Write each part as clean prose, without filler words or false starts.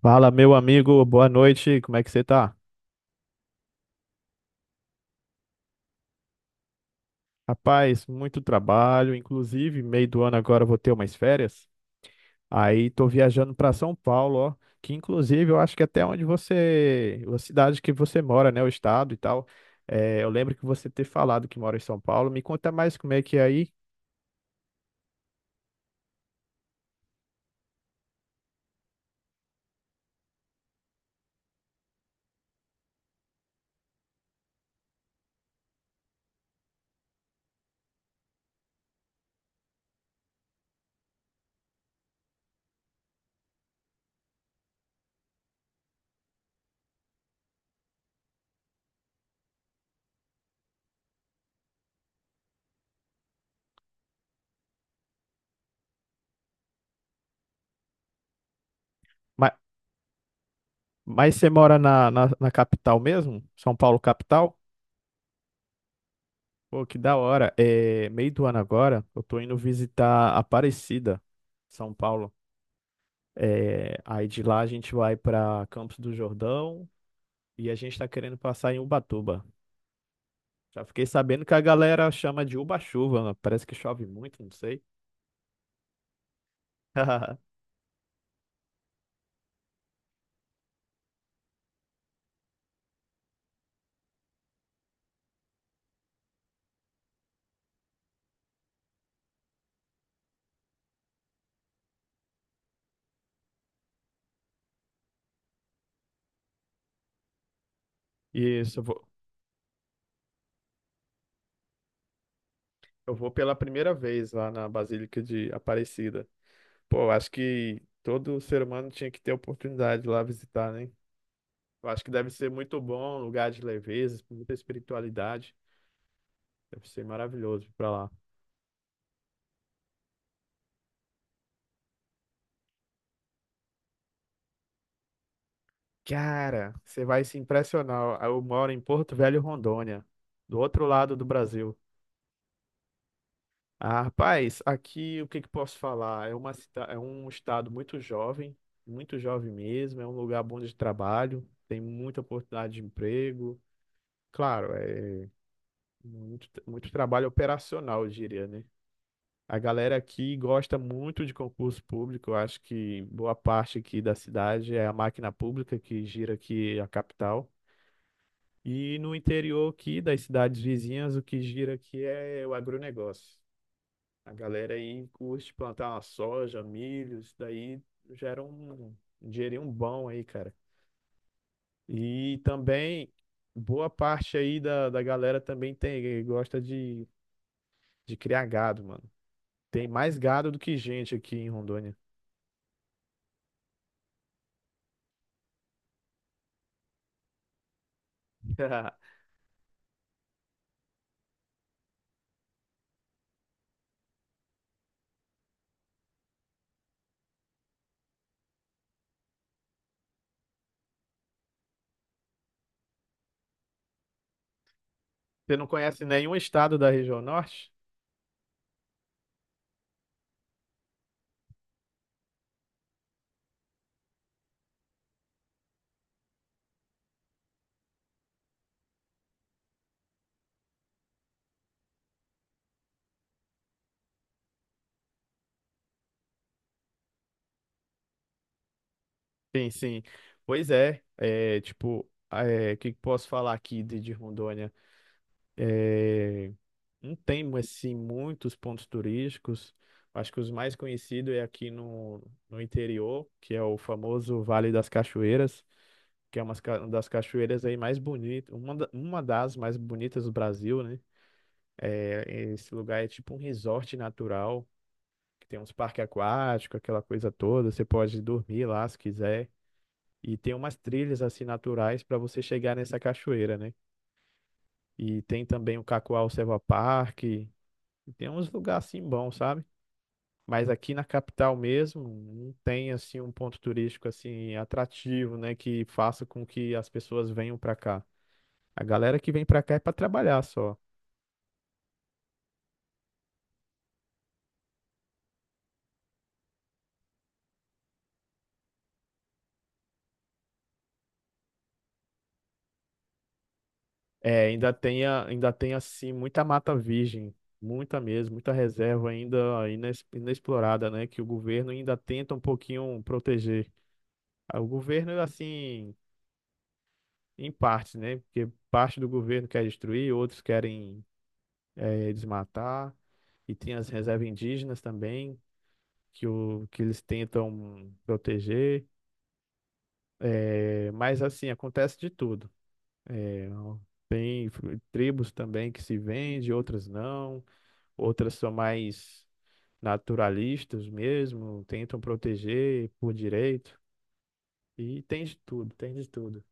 Fala, meu amigo, boa noite, como é que você tá? Rapaz, muito trabalho, inclusive, meio do ano agora eu vou ter umas férias. Aí tô viajando pra São Paulo, ó, que inclusive eu acho que até onde você, a cidade que você mora, né, o estado e tal. É, eu lembro que você ter falado que mora em São Paulo. Me conta mais como é que é aí. Mas, mas você mora na capital mesmo? São Paulo capital? Pô, que da hora. É, meio do ano agora, eu tô indo visitar Aparecida, São Paulo. É, aí de lá a gente vai para Campos do Jordão e a gente está querendo passar em Ubatuba. Já fiquei sabendo que a galera chama de Uba-chuva, né? Parece que chove muito, não sei. Isso, eu vou pela primeira vez lá na Basílica de Aparecida. Pô, eu acho que todo ser humano tinha que ter a oportunidade de lá visitar, né? Eu acho que deve ser muito bom, um lugar de leveza, muita espiritualidade. Deve ser maravilhoso ir pra lá. Cara, você vai se impressionar. Eu moro em Porto Velho, Rondônia, do outro lado do Brasil. Ah, rapaz, aqui o que que posso falar? É é um estado muito jovem mesmo. É um lugar bom de trabalho, tem muita oportunidade de emprego. Claro, é muito, muito trabalho operacional, eu diria, né? A galera aqui gosta muito de concurso público. Eu acho que boa parte aqui da cidade é a máquina pública que gira aqui a capital. E no interior aqui das cidades vizinhas, o que gira aqui é o agronegócio. A galera aí curte plantar uma soja, milho, isso daí gera um dinheirinho bom aí, cara. E também, boa parte aí da galera também tem, gosta de criar gado, mano. Tem mais gado do que gente aqui em Rondônia. Você não conhece nenhum estado da região norte? Sim, sim. Pois é, o que que posso falar aqui de Rondônia? É, não tem assim muitos pontos turísticos. Acho que os mais conhecidos é aqui no interior, que é o famoso Vale das Cachoeiras, que é uma das cachoeiras aí mais bonitas, uma das mais bonitas do Brasil, né? É, Esse lugar é tipo um resort natural, que tem uns parques aquáticos, aquela coisa toda. Você pode dormir lá se quiser. E tem umas trilhas assim naturais para você chegar nessa cachoeira, né? E tem também o Cacoal Selva Park. E tem uns lugares assim bons, sabe? Mas aqui na capital mesmo, não tem assim um ponto turístico assim atrativo, né, que faça com que as pessoas venham pra cá. A galera que vem pra cá é pra trabalhar só. É, ainda tem assim muita mata virgem, muita mesmo, muita reserva ainda inexplorada, né, que o governo ainda tenta um pouquinho proteger. Ah, o governo assim, em partes, né? Porque parte do governo quer destruir, outros querem desmatar. E tem as reservas indígenas também, que eles tentam proteger. Mas, assim, acontece de tudo. Eh, tem f- Tribos também que se vendem, outras não. Outras são mais naturalistas mesmo, tentam proteger por direito. E tem de tudo, tem de tudo.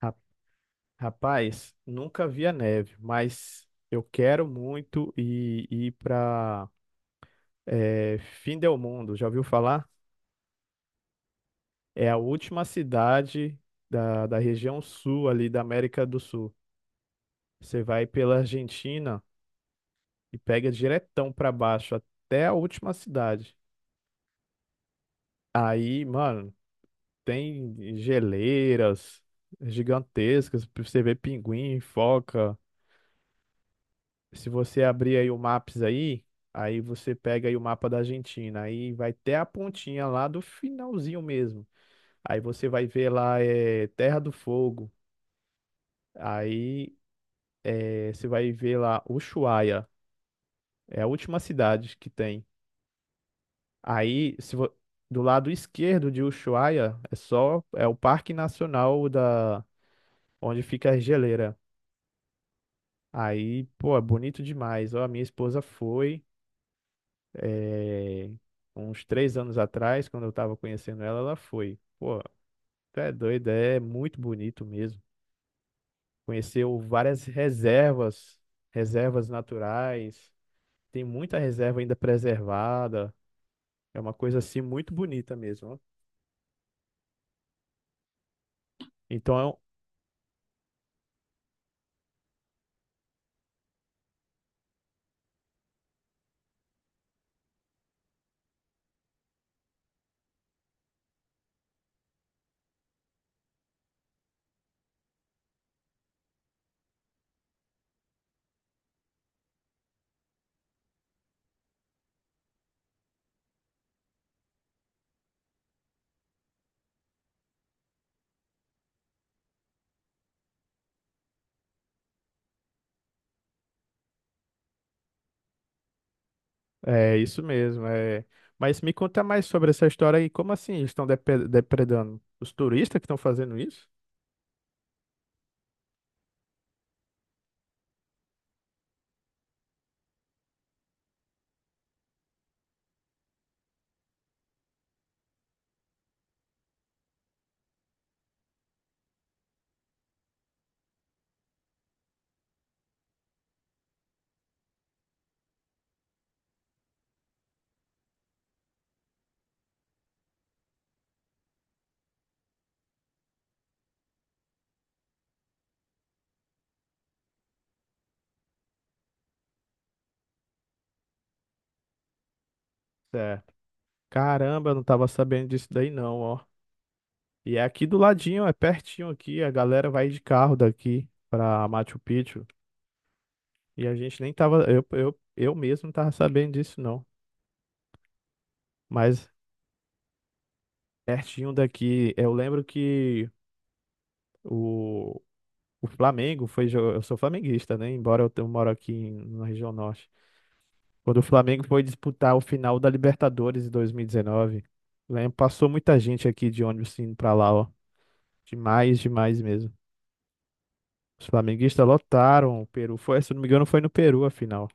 Ra- Rapaz, nunca vi a neve, mas eu quero muito ir para É, Findelmundo, já ouviu falar? É a última cidade da região sul ali da América do Sul. Você vai pela Argentina e pega diretão pra baixo até a última cidade. Aí, mano, tem geleiras gigantescas, pra você ver pinguim, foca. Se você abrir aí o Maps aí, aí você pega aí o mapa da Argentina, aí vai até a pontinha lá do finalzinho mesmo. Aí você vai ver lá é Terra do Fogo. Aí você vai ver lá Ushuaia, é a última cidade que tem. Aí se vo- Do lado esquerdo de Ushuaia é só o Parque Nacional da onde fica a geleira. Aí, pô, é bonito demais. Ó, a minha esposa foi eh, uns 3 anos atrás, quando eu tava conhecendo ela, ela foi. Pô, tu é doido, é muito bonito mesmo. Conheceu várias reservas, reservas naturais. Tem muita reserva ainda preservada. É uma coisa assim muito bonita mesmo, ó. Então, é isso mesmo. É... Mas me conta mais sobre essa história aí. Como assim eles estão depredando? Os turistas que estão fazendo isso? Certo. Caramba, eu não tava sabendo disso daí não, ó. E é aqui do ladinho, é pertinho aqui. A galera vai de carro daqui pra Machu Picchu. E a gente nem tava. Eu mesmo não tava sabendo disso não. Mas pertinho daqui. Eu lembro que. O, O Flamengo foi. Eu sou flamenguista, né? Embora eu moro na região norte. Quando o Flamengo foi disputar o final da Libertadores em 2019, lembro, passou muita gente aqui de ônibus indo pra lá, ó. Demais, demais mesmo. Os flamenguistas lotaram o Peru. Foi, se eu não me engano, foi no Peru a final.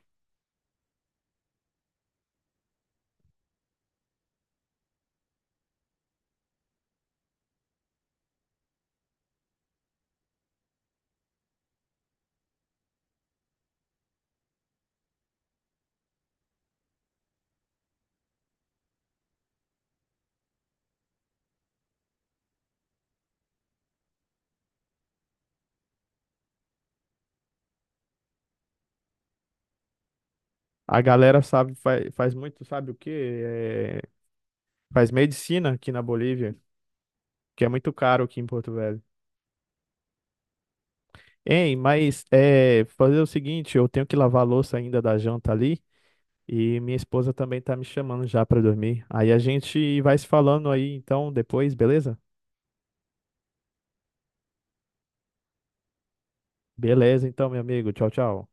A galera sabe, faz muito, sabe o quê? É, faz medicina aqui na Bolívia, que é muito caro aqui em Porto Velho. Hein, mas é, fazer o seguinte, eu tenho que lavar a louça ainda da janta ali. E minha esposa também tá me chamando já pra dormir. Aí a gente vai se falando aí, então, depois, beleza? Beleza, então, meu amigo. Tchau, tchau.